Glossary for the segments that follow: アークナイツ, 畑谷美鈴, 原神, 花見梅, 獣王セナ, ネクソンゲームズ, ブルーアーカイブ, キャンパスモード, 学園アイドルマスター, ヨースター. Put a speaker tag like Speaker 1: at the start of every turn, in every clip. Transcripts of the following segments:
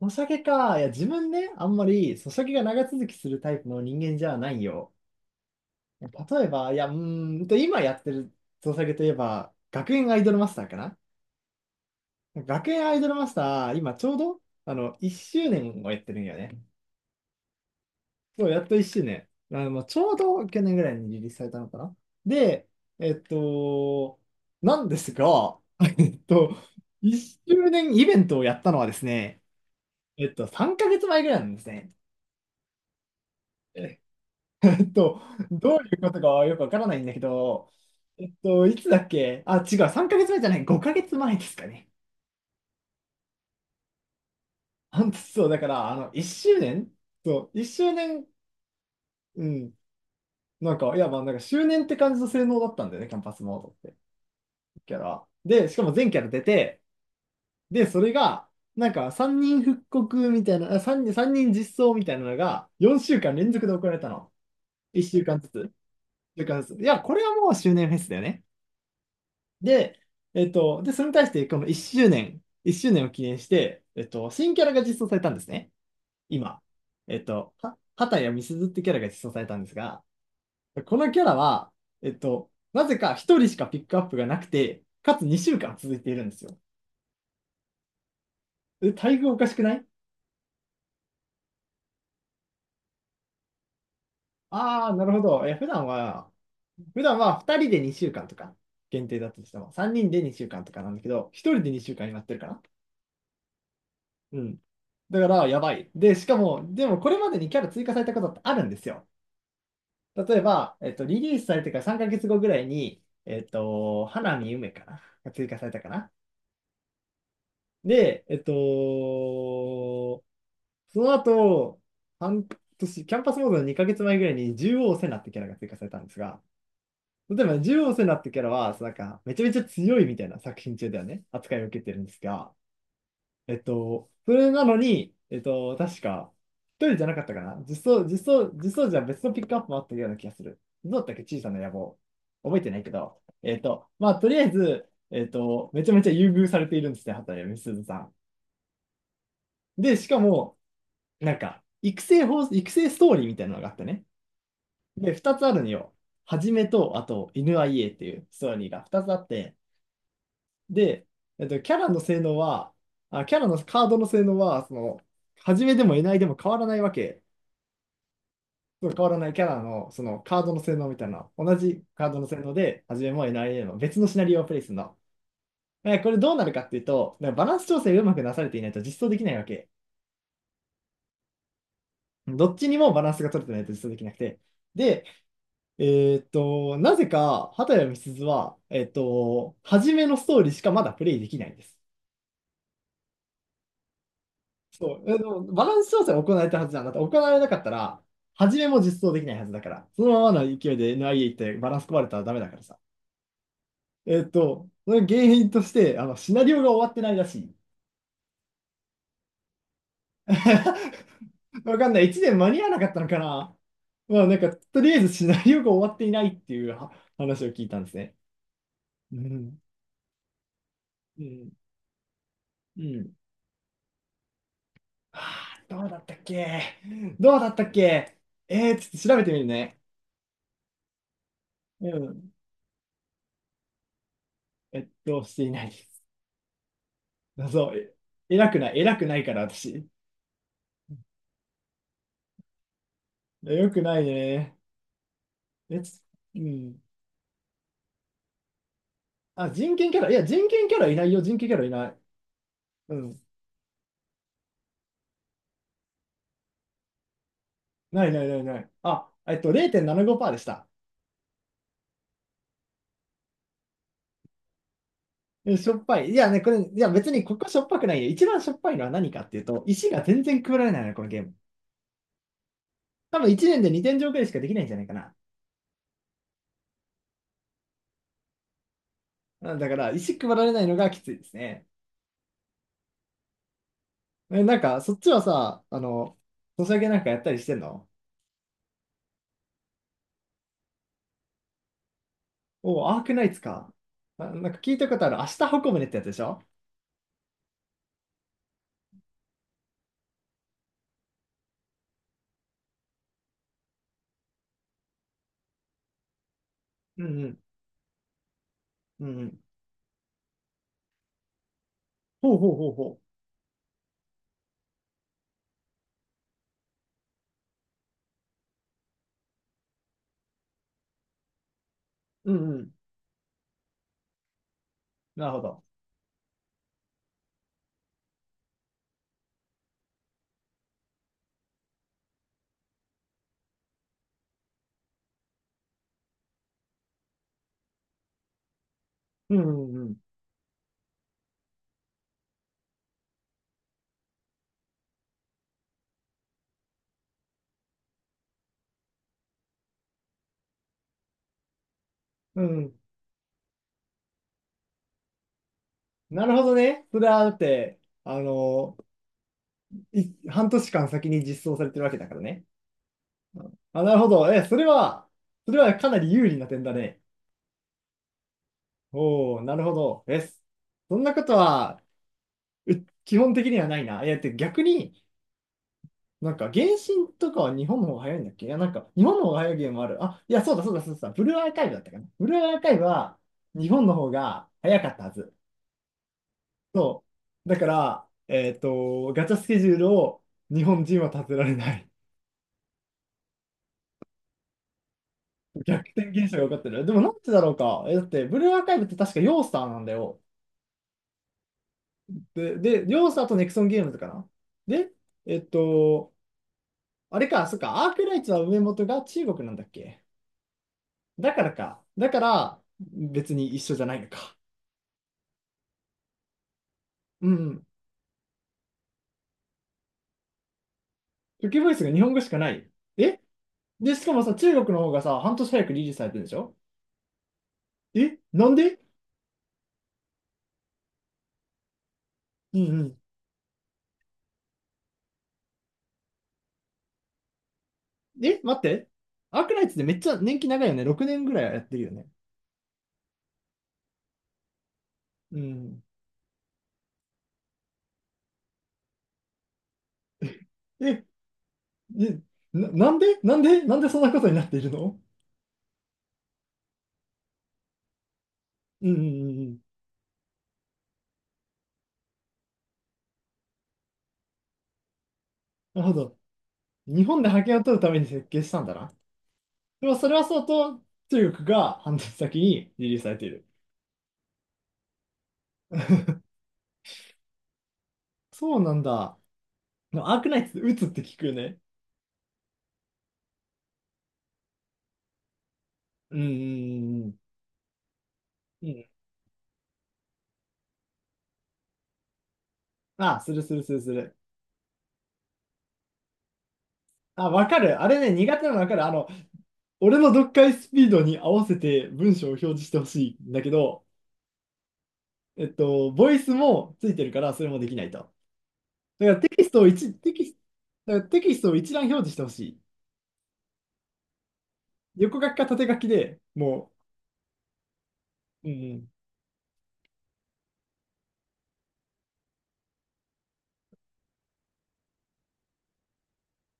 Speaker 1: お酒か。いや、自分ね、あんまり、そうお酒が長続きするタイプの人間じゃないよ。例えば、いや、今やってるお酒といえば、学園アイドルマスターかな。学園アイドルマスター、今ちょうど、1周年をやってるんよね。そう、やっと1周年。まちょうど去年ぐらいにリリースされたのかな。で、えっと、なんですが、えっと、1周年イベントをやったのはですね、3ヶ月前ぐらいなんですね。と、どういうことかはよくわからないんだけど、いつだっけ。あ、違う、3ヶ月前じゃない、5ヶ月前ですかね。本当そう、だから、周年そう、1周年、うん、周年って感じの性能だったんだよね、キャンパスモードって、キャラ。で、しかも全キャラ出て、で、それが、なんか、3人実装みたいなのが、4週間連続で行われたの。1週間ずつ。週間ずつ。いや、これはもう周年フェスだよね。で、それに対して、この1周年、1周年を記念して、新キャラが実装されたんですね。今。畑谷美鈴ってキャラが実装されたんですが、このキャラは、なぜか1人しかピックアップがなくて、かつ2週間続いているんですよ。え、待遇おかしくない？ああー、なるほど。え普段は、普段は2人で2週間とか限定だったとしても、3人で2週間とかなんだけど、1人で2週間になってるかな。うん。だから、やばい。で、しかも、でもこれまでにキャラ追加されたことってあるんですよ。例えば、リリースされてから3ヶ月後ぐらいに、花見梅かなが追加されたかな。で、その後、半年、キャンパスモードの2ヶ月前ぐらいに獣王セナってキャラが追加されたんですが、例えば、獣王セナってキャラは、なんか、めちゃめちゃ強いみたいな作品中ではね、扱いを受けてるんですが、それなのに、確か、一人じゃなかったかな。実装じゃ別のピックアップもあったような気がする。どうだったっけ小さな野望。覚えてないけど。まあ、とりあえず、めちゃめちゃ優遇されているんですね、畑美鈴さん。で、しかも、なんか、育成ストーリーみたいなのがあってね。で、二つあるのよ。はじめと、あと、犬 IA っていうストーリーが二つあって、で、キャラの性能は、キャラのカードの性能は、その、始めでもいないでも変わらないわけ。そう変わらないキャラの、そのカードの性能みたいな、同じカードの性能で、始めもいないでも別のシナリオをプレイするの。え、これどうなるかっていうと、なんかバランス調整がうまくなされていないと実装できないわけ。どっちにもバランスが取れてないと実装できなくて。で、えなぜか、畑谷美鈴は、初めのストーリーしかまだプレイできないんです。そう、えでもバランス調整は行われたはずなんだって、行われなかったら、初めも実装できないはずだから、そのままの勢いで NIA 行ってバランス壊れたらダメだからさ。その原因として、シナリオが終わってないらしい。わかんない。1年間に合わなかったのかな。まあ、なんか、とりあえずシナリオが終わっていないっていうは話を聞いたんですね。うん。うん。うん。はあ、どうだったっけ。どうだったっけ。えー、ちょっと調べてみるね。うん。していない。そう、え、偉くない、偉くないから私。よくないね。え、つうん。あ、人権キャラいないよ、人権キャラいない。うん。ないないないない。あ、0.75%でした。え、しょっぱい。いやね、これ、いや、別にここしょっぱくないよ。一番しょっぱいのは何かっていうと、石が全然配られないの、このゲーム。多分1年で2点上くらいしかできないんじゃないかな。うんだから、石配られないのがきついですね。え、なんか、そっちはさ、ソシャゲなんかやったりしてんの？おー、アークナイツか。あ、なんか聞いたことある。明日運ぶねってやつでしょ？うんうん。うんうん。ほうほうほうほう。うんうん。なるほど。うんうんうん。うん。なるほどね。それはだって、あのい、半年間先に実装されてるわけだからね。うんあ、なるほど。え、それは、それはかなり有利な点だね。おお、なるほど。え、そんなことは、う基本的にはないな。いや、だって逆に、なんか、原神とかは日本の方が早いんだっけ？いや、なんか、日本の方が早いゲームある。あ、いや、そうだそうだそうだ。ブルーアーカイブだったかな。ブルーアーカイブは日本の方が早かったはず。そう。だから、ガチャスケジュールを日本人は立てられない。逆転現象が起こってる。でもなんでだろうか。え、だって、ブルーアーカイブって確かヨースターなんだよ。で、ヨースターとネクソンゲームズかな。で、えっと、あれか、そっか、アークライツは上元が中国なんだっけ？だからか。だから、別に一緒じゃないのか。うん。初期ボイスが日本語しかない。えで、しかもさ、中国の方がさ、半年早くリリースされてるんでしょ？えなんで？うんうん。え待って。アークナイツでめっちゃ年季長いよね。6年ぐらいはやってるよね。うん。え、え、なんでそんなことになっているの？うんうんうんうん。なるほど。日本で覇権を取るために設計したんだな。でもそれはそうと、中国が半年先にリリースされている。そうなんだ。アークナイツ打つって聞くよね。うんうんうんうん。うん。あ、するするするする。あ、わかる。あれね、苦手なのわかる。俺の読解スピードに合わせて文章を表示してほしいんだけど、ボイスもついてるから、それもできないと。だからテキストを一、テキスト、だからテキストを一覧表示してほしい。横書きか縦書きでもう、うんうん。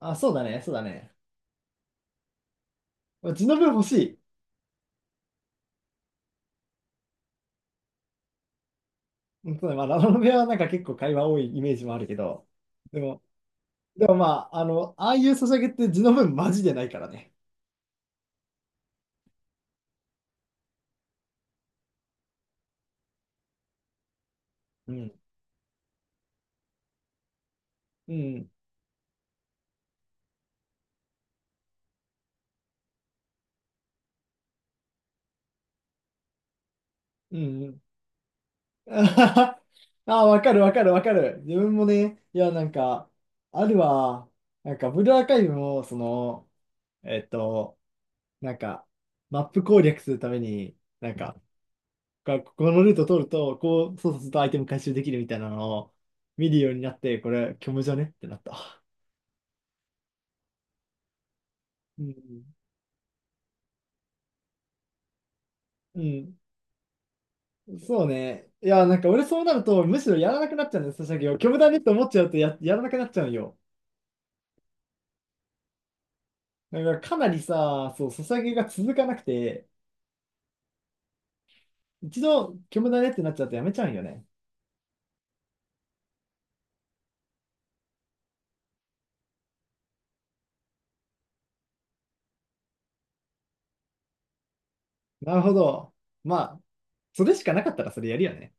Speaker 1: あ、そうだね。字の分欲しい。うんそうだねまあ、ラノベはなんか結構会話多いイメージもあるけど、でも、でもまあ、ああいうソシャゲって字の文マジでないからね。うん。うん、うん。うんああ、わかる。自分もね、いや、なんか、あるわ。なんか、ブルーアーカイブも、その、えっと、なんか、マップ攻略するために、なんか、こここのルート通ると、そうするとアイテム回収できるみたいなのを見るようになって、これ、虚無じゃねってなった。うん。うん。そうね。いや、なんか俺そうなると、むしろやらなくなっちゃうんです、ソシャゲを。虚無だねって思っちゃうとや、やらなくなっちゃうんよ。だからかなりさ、そう、ソシャゲが続かなくて、一度虚無だねってなっちゃうとやめちゃうんよね。なるほど。まあ、それしかなかったらそれやるよね。